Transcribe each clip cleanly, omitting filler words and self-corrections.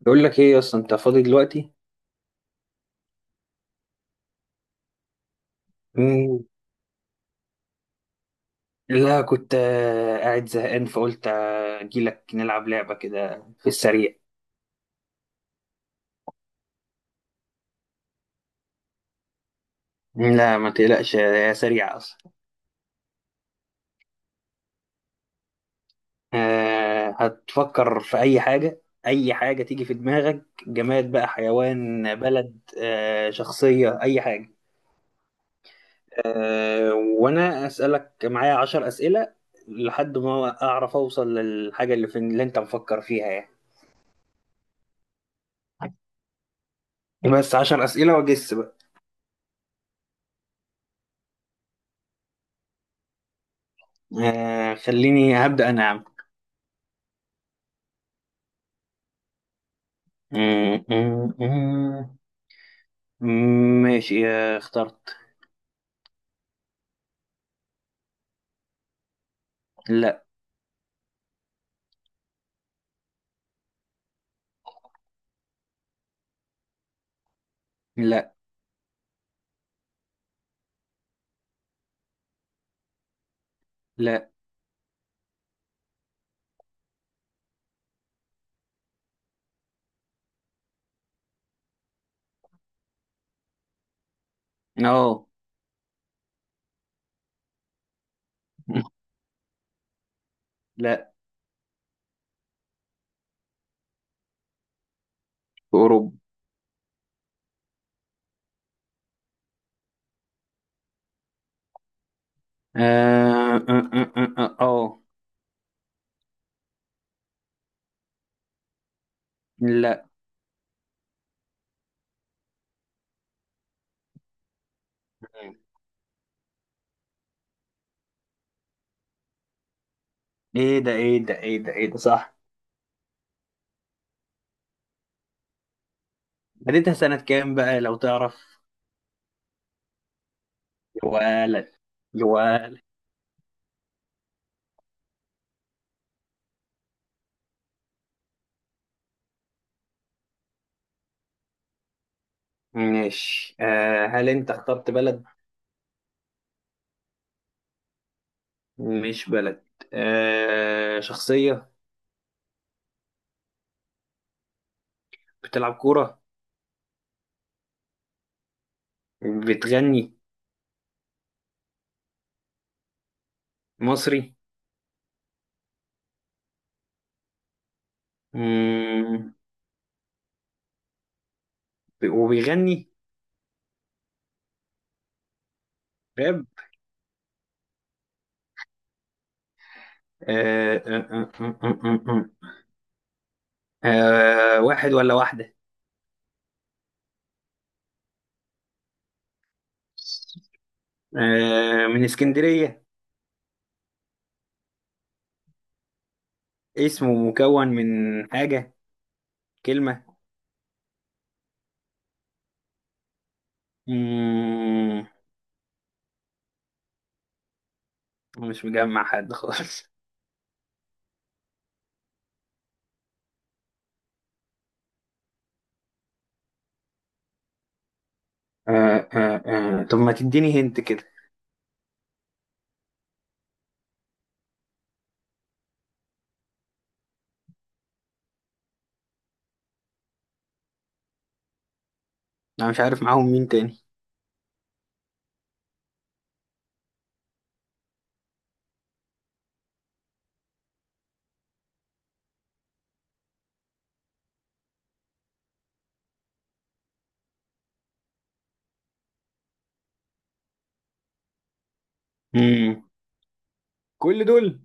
بقول لك ايه اصلا انت فاضي دلوقتي؟ مم. لا، كنت قاعد زهقان فقلت اجيلك نلعب لعبة كده في السريع. لا، ما تقلقش، هي سريعة اصلا. آه، هتفكر في اي حاجة، اي حاجة تيجي في دماغك، جماد بقى، حيوان، بلد، شخصية، اي حاجة. آه، وانا اسألك معايا 10 اسئلة لحد ما اعرف اوصل للحاجة اللي انت مفكر فيها يعني. بس 10 اسئلة واجس. آه، خليني هبدأ أنا يا عم. م- م- ماشي، اخترت. لا. لا. لا. أه. لا. في أوروبا. آه. آه، آه، آه، أه، أو. لا. إيه ده، إيه ده، إيه ده، إيه ده، صح! بديتها سنة كام بقى لو تعرف؟ يا ولد، يا ولد! ماشي. هل أنت اخترت بلد؟ مش بلد. آه، شخصية؟ بتلعب كورة؟ بتغني؟ مصري؟ مم. وبيغني؟ راب؟ آه، آه، آه، آه، آه، آه، آه، آه. واحد ولا واحدة؟ آه، من اسكندرية؟ اسمه مكون من حاجة كلمة؟ مم، مش مجمع حد خالص. آه، آه، آه، طب ما تديني هنت كده. أنا مش عارف معاهم مين تاني. مم. كل دول؟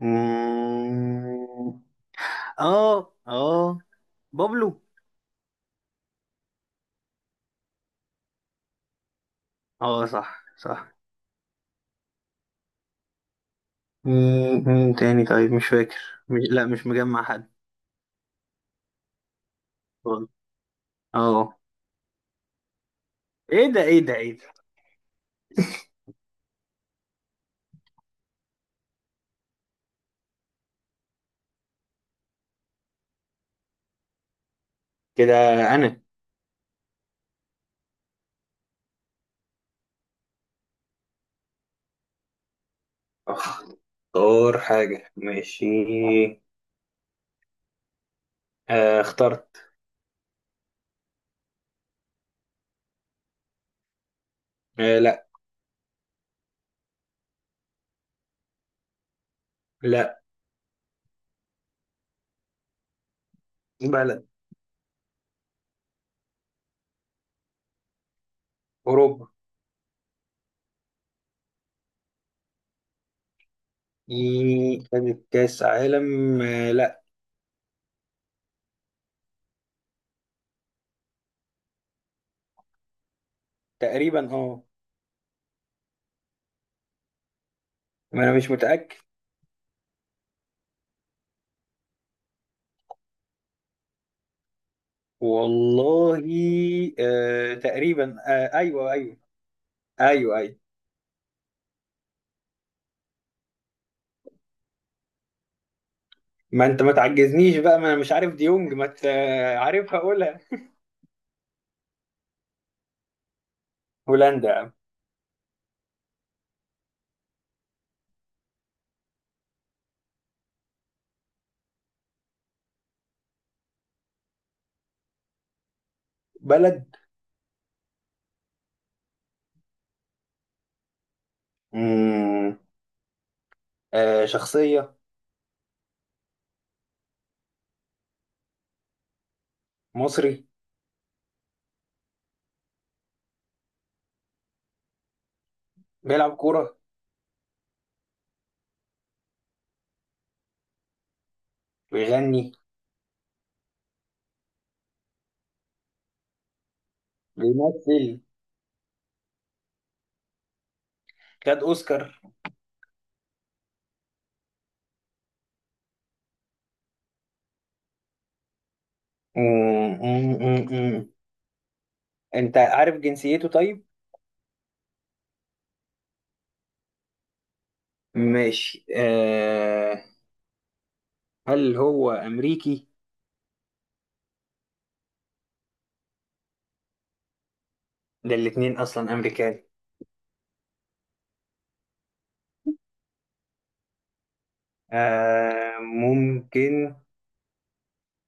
مم. اه، اه، بابلو؟ اه، صح، صح. مم. مين تاني طيب؟ مش فاكر. مش لا، مش مجمع حد. اه. ايه ده، ايه ده، ايه ده! كده انا. اختار حاجة، ماشي. آه، اخترت. آه، لا. لا. بلد. اوروبا. إيه، خدت كاس عالم. لا، تقريبا. اه. ما انا مش متأكد. والله. آه، تقريبا، ايوه، ايوه. ايوه، ايوه. ما انت ما تعجزنيش بقى، ما انا مش عارف ديونج، ما ت- آه، عارفها اقولها. هولندا يا عم. بلد؟ مم، آه، شخصية؟ مصري؟ بيلعب كورة؟ بيغني؟ بيمثل؟ خد اوسكار؟ أمم، أمم، أمم. انت عارف جنسيته طيب؟ ماشي. هل هو امريكي؟ ده الاتنين اصلا امريكان. آه، ممكن.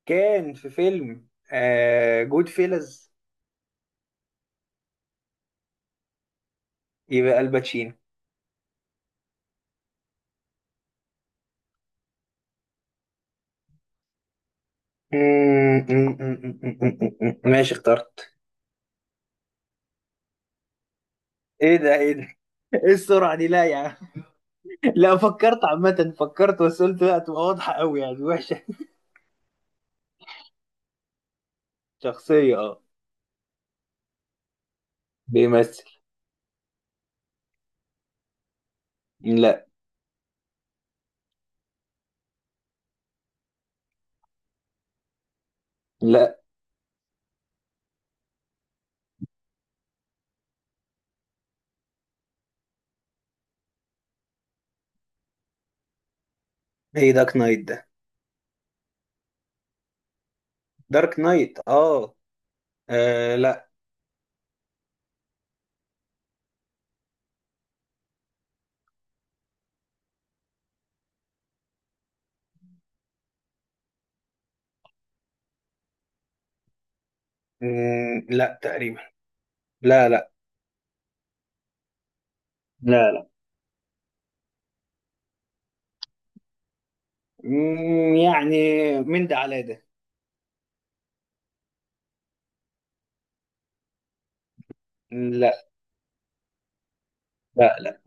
كان في فيلم جود فيلز؟ يبقى الباتشينو. أمم، أمم، أمم، أمم، أمم، أمم. ماشي، اخترت. ايه ده، ايه ده! ايه السرعة دي؟ لا يا عم. لا، فكرت عامة، فكرت، بس قلت لا، تبقى واضحة قوي يعني وحشة. شخصية، اه. بيمثل. لا، لا. ايه دارك نايت ده؟ دارك نايت، اه. آه، لا. لا، تقريبا. لا، لا. لا، لا. يعني من ده على ده. لا، لا. لا،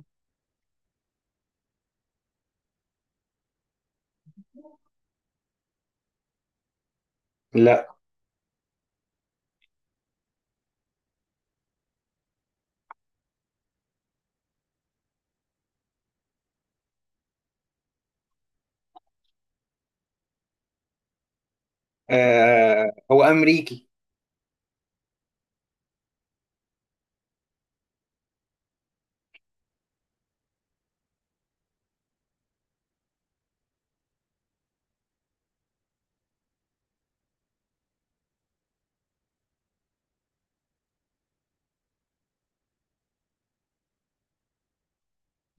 لا. آه، هو امريكي.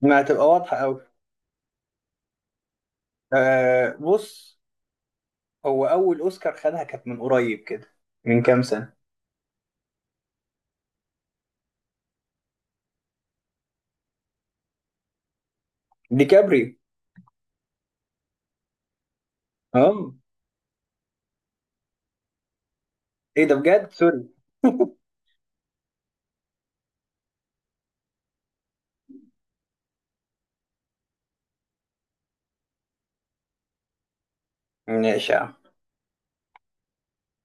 ما هتبقى واضحة قوي. آه، بص. هو اول اوسكار خدها كانت من قريب كده. من كام سنة؟ ديكابريو. اه. ايه ده بجد؟ سوري. ماشي يا عم.